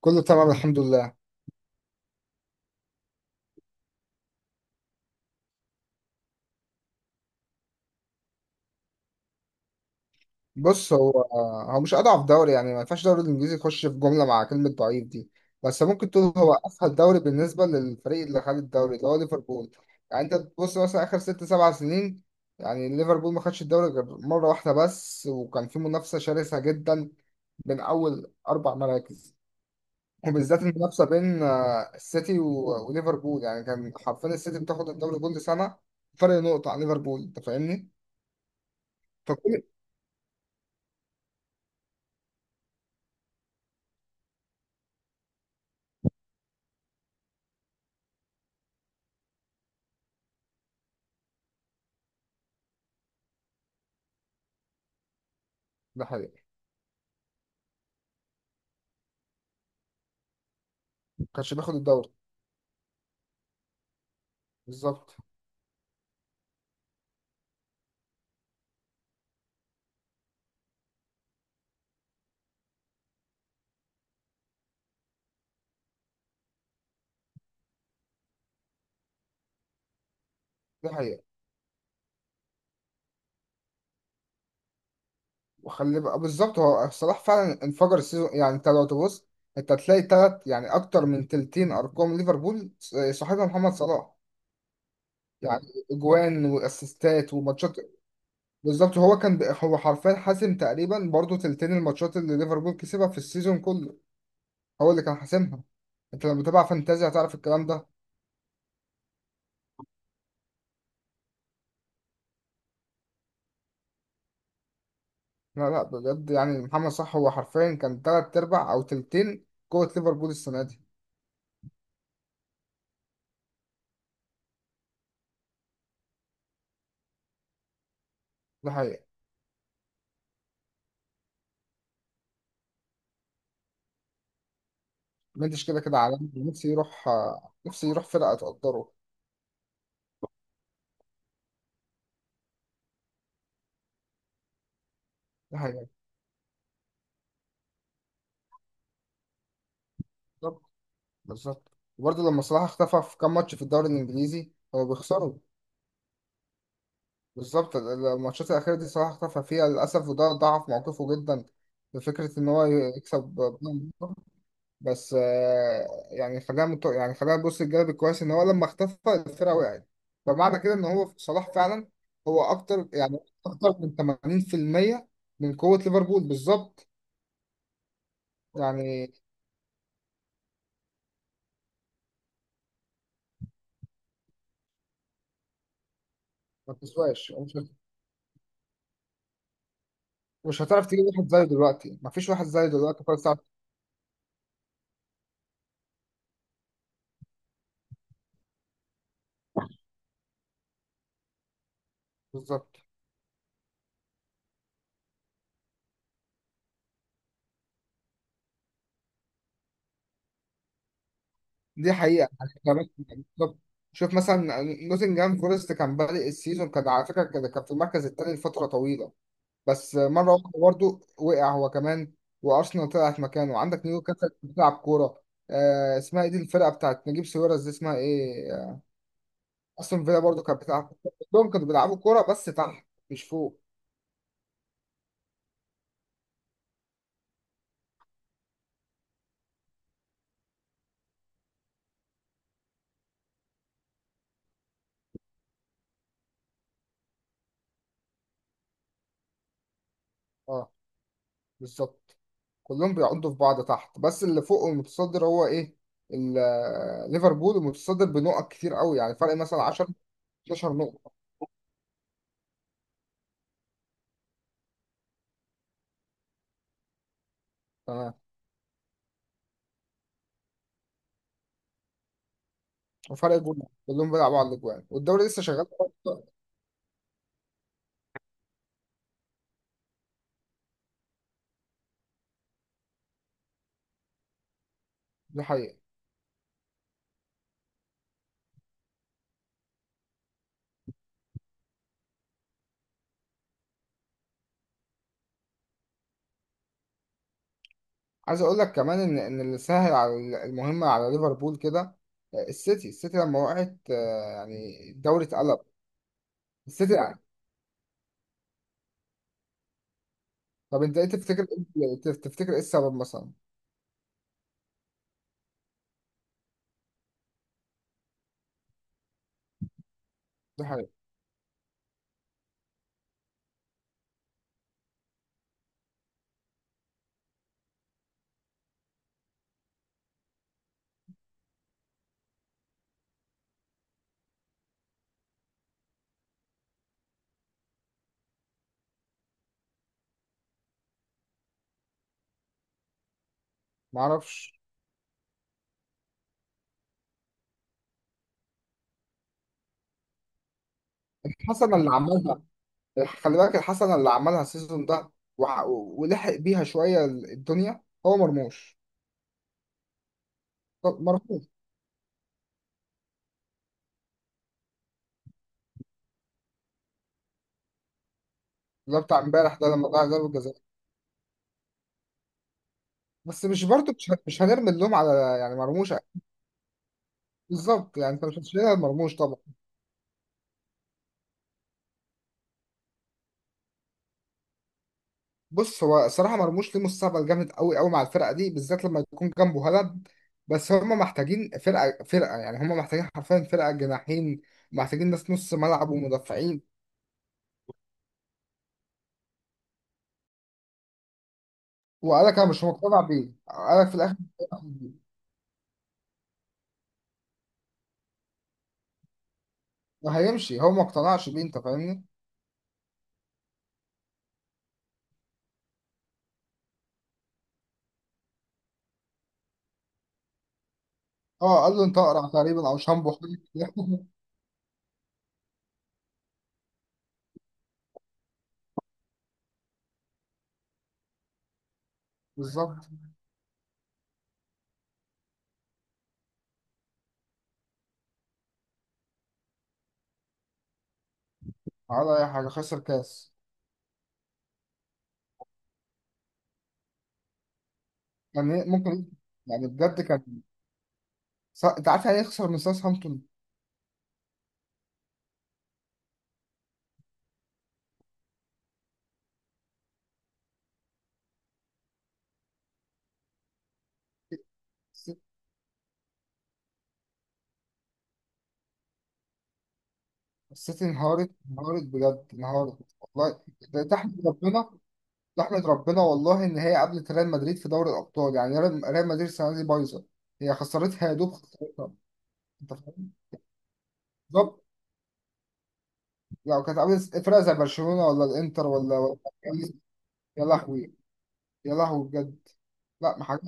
كله تمام، الحمد لله. بص، هو مش اضعف دوري، يعني ما ينفعش الدوري الانجليزي يخش في جمله مع كلمه ضعيف دي. بس ممكن تقول هو اسهل دوري بالنسبه للفريق اللي خد الدوري اللي هو ليفربول. يعني انت تبص مثلا اخر 6 7 سنين، يعني ليفربول ما خدش الدوري غير مره واحده بس، وكان في منافسه شرسه جدا بين اول 4 مراكز. وبالذات المنافسه بين السيتي و- وليفربول، يعني كان حرفيا السيتي بتاخد الدوري كل سنه فرق نقطه عن ليفربول. انت فاهمني؟ فكل. ده حقيقي. كانش بياخد الدوري. بالظبط. دي حقيقة. وخلي بقى بالظبط، هو صلاح فعلا انفجر السيزون، يعني انت لو تبص، انت هتلاقي تلات يعني اكتر من تلتين ارقام ليفربول صاحبها محمد صلاح. يعني اجوان واسيستات وماتشات. بالظبط، هو كان هو حرفيا حاسم تقريبا برضو تلتين الماتشات اللي ليفربول كسبها في السيزون كله. هو اللي كان حاسمها. انت لما بتابع فانتازيا هتعرف الكلام ده. لا، لا، بجد، يعني محمد صلاح هو حرفيا كان تلات ارباع او تلتين قوة ليفربول السنة دي. ده حقيقة. مندش كده كده عالمي، نفسي يروح. نفسي يروح فرقة تقدره. ده حقيقة. بالظبط. بالظبط. وبرضه لما صلاح اختفى في كام ماتش في الدوري الإنجليزي هو بيخسروا. بالظبط، الماتشات الأخيرة دي صلاح اختفى فيها للأسف، وده ضعف موقفه جدا بفكرة إن هو يكسب بطولة. بس يعني خلينا نبص الجانب الكويس إن هو لما اختفى الفرقة وقعت. فمعنى كده إن هو صلاح فعلا، هو أكتر من 80% من قوة ليفربول بالظبط. يعني ما بتسواش، مش هتعرف تجيب واحد زيه دلوقتي، ما فيش واحد زيه دلوقتي خالص، تعرف. بالظبط. دي حقيقة، يعني كمان. بالظبط. شوف مثلا نوتنجهام فورست، كان بادئ السيزون، كان على فكرة كان في المركز التاني لفترة طويلة. بس مرة واحدة برضه وقع هو كمان، وأرسنال طلعت مكانه، وعندك نيوكاسل بتلعب كورة. اسمها ايه دي، الفرقة بتاعت نجيب ساويرس دي اسمها ايه أستون فيلا برضه كانت بتلعب كورة، كلهم كانوا بيلعبوا كورة بس تحت مش فوق. اه، بالظبط. كلهم بيعضوا في بعض تحت، بس اللي فوق المتصدر هو ايه، ليفربول المتصدر بنقط كتير قوي، يعني فرق مثلا 10 12 نقطة. تمام، وفرق جول، كلهم بيلعبوا على الاجوان، والدوري لسه شغال. دي حقيقة. عايز اقول لك كمان ان اللي سهل على المهمة على ليفربول كده، السيتي لما وقعت، يعني الدوري اتقلب، السيتي يعني. طب انت ايه تفتكر؟ إيه؟ تفتكر ايه السبب مثلا؟ دي حقيقة. معرفش. حسب اللي عملها. خلي بالك الحسنة اللي عملها السيزون ده، ولحق بيها شوية الدنيا هو مرموش. طب مرموش. ده بتاع امبارح ده لما ضيع ضربة جزاء. بس مش برضه مش هنرمي اللوم على، يعني مرموش. بالظبط، يعني انت مش هتشيلها مرموش طبعا. بص، هو الصراحة مرموش ليه مستقبل جامد قوي قوي مع الفرقة دي بالذات لما يكون جنبه هالاند. بس هم محتاجين فرقة يعني هم محتاجين حرفيا فرقة جناحين، محتاجين ناس نص ملعب ومدافعين. وقالك انا مش مقتنع بيه، قالك في الاخر ما هيمشي، هو ما اقتنعش بيه، انت فاهمني. اه قال له انت اقرع تقريبا او شامبو حاجة. بالظبط. على اي حاجه خسر كاس. كان يعني ممكن، يعني بجد كان، انت عارف يعني ايه يخسر من ساوثهامبتون. الس- السيتي انهارت بجد انهارت والله. ده تحمد ربنا والله، ان هي قابلت ريال مدريد في دوري الابطال، يعني ريال مدريد السنه دي بايظه. هي خسرتها يا دوب خسرتها. انت فاهم. بالظبط. لو كانت قابلت فرقه زي برشلونه ولا الانتر ولا ولا. يا لهوي، يا لهوي بجد. لا ما حاجة.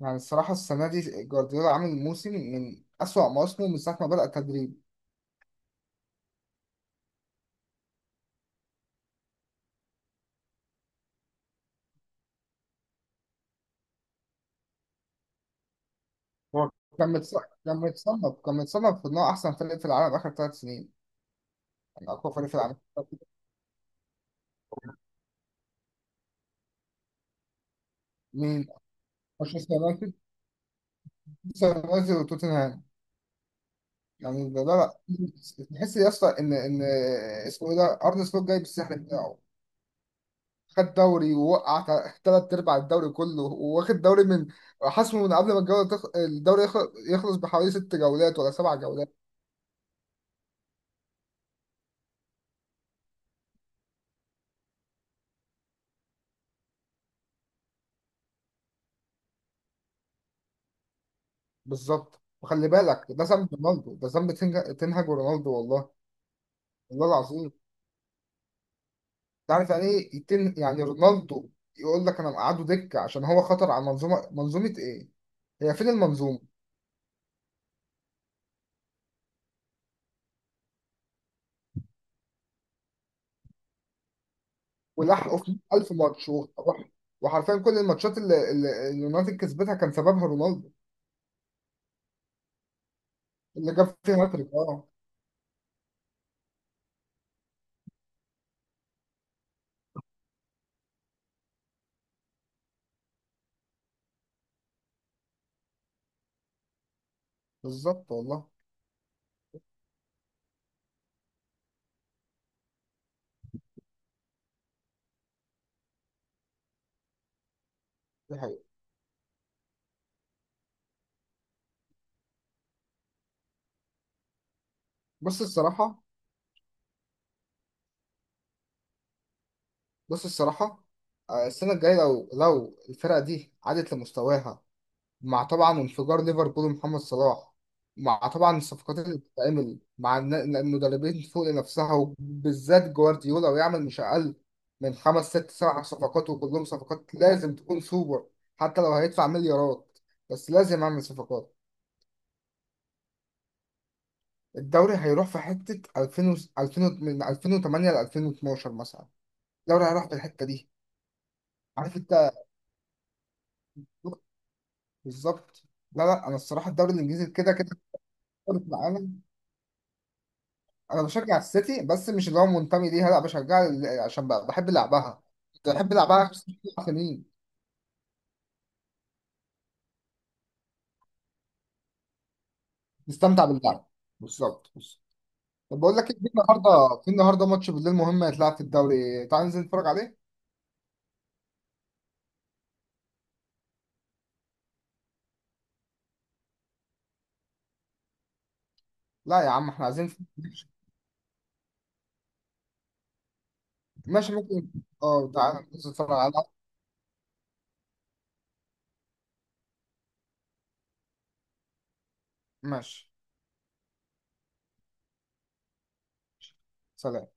يعني الصراحة السنة دي جوارديولا عامل موسم من أسوأ مواسمه من ساعة ما بدأ التدريب. هو كان متصنف في إن هو أحسن فريق في العالم آخر 3 سنين، يعني أقوى فريق في العالم. مين؟ مانشستر يونايتد مانشستر يونايتد وتوتنهام. يعني ده لا. لا، تحس يا اسطى إن اسمه إيه ده، أرن سلوت جاي بالسحر بتاعه. خد دوري ووقع، ثلاث أرباع الدوري كله، وواخد دوري من، حسمه من قبل ما الجولة الدوري يخلص بحوالي 6 جولات ولا 7 جولات. بالظبط، وخلي بالك ده ذنب رونالدو، ده ذنب تنهج رونالدو والله، والله العظيم. تعرف يعني ايه يعني رونالدو، يقول لك انا مقعده دكه عشان هو خطر على منظومه، منظومه ايه، هي فين المنظومه. ولحقوا في 1000 ماتش وحرفيا كل الماتشات اللي اليونايتد كسبتها كان سببها رونالدو، اللي جاب فيها هاتريك. اه، بالظبط والله. دي حقيقة. بص الصراحه بص الصراحه السنه الجايه، لو الفرقه دي عادت لمستواها، مع طبعا انفجار ليفربول ومحمد صلاح، مع طبعا الصفقات اللي بتتعمل مع المدربين فوق لنفسها، وبالذات جوارديولا، ويعمل مش أقل من 5 6 7 صفقات، وكلهم صفقات لازم تكون سوبر، حتى لو هيدفع مليارات، بس لازم أعمل صفقات. الدوري هيروح في حتة 2000 2000 من 2008 ل 2012 مثلا. الدوري هيروح في الحتة دي. عارف أنت. بالظبط. لا، لا، أنا الصراحة الدوري الإنجليزي كده كده في العالم. انا بشجع السيتي بس مش اللي هو منتمي ليها، لا بشجع عشان بحب لعبها، كنت بحب لعبها 5 سنين. نستمتع باللعب. بالظبط، بص. طب بقول لك إيه، في النهارده ماتش بالليل مهم هيتلعب في الدوري، تعال ننزل نتفرج عليه. لا يا عم احنا عايزين. ماشي ممكن. اه تعال ننزل نتفرج عليه. ماشي. سلام.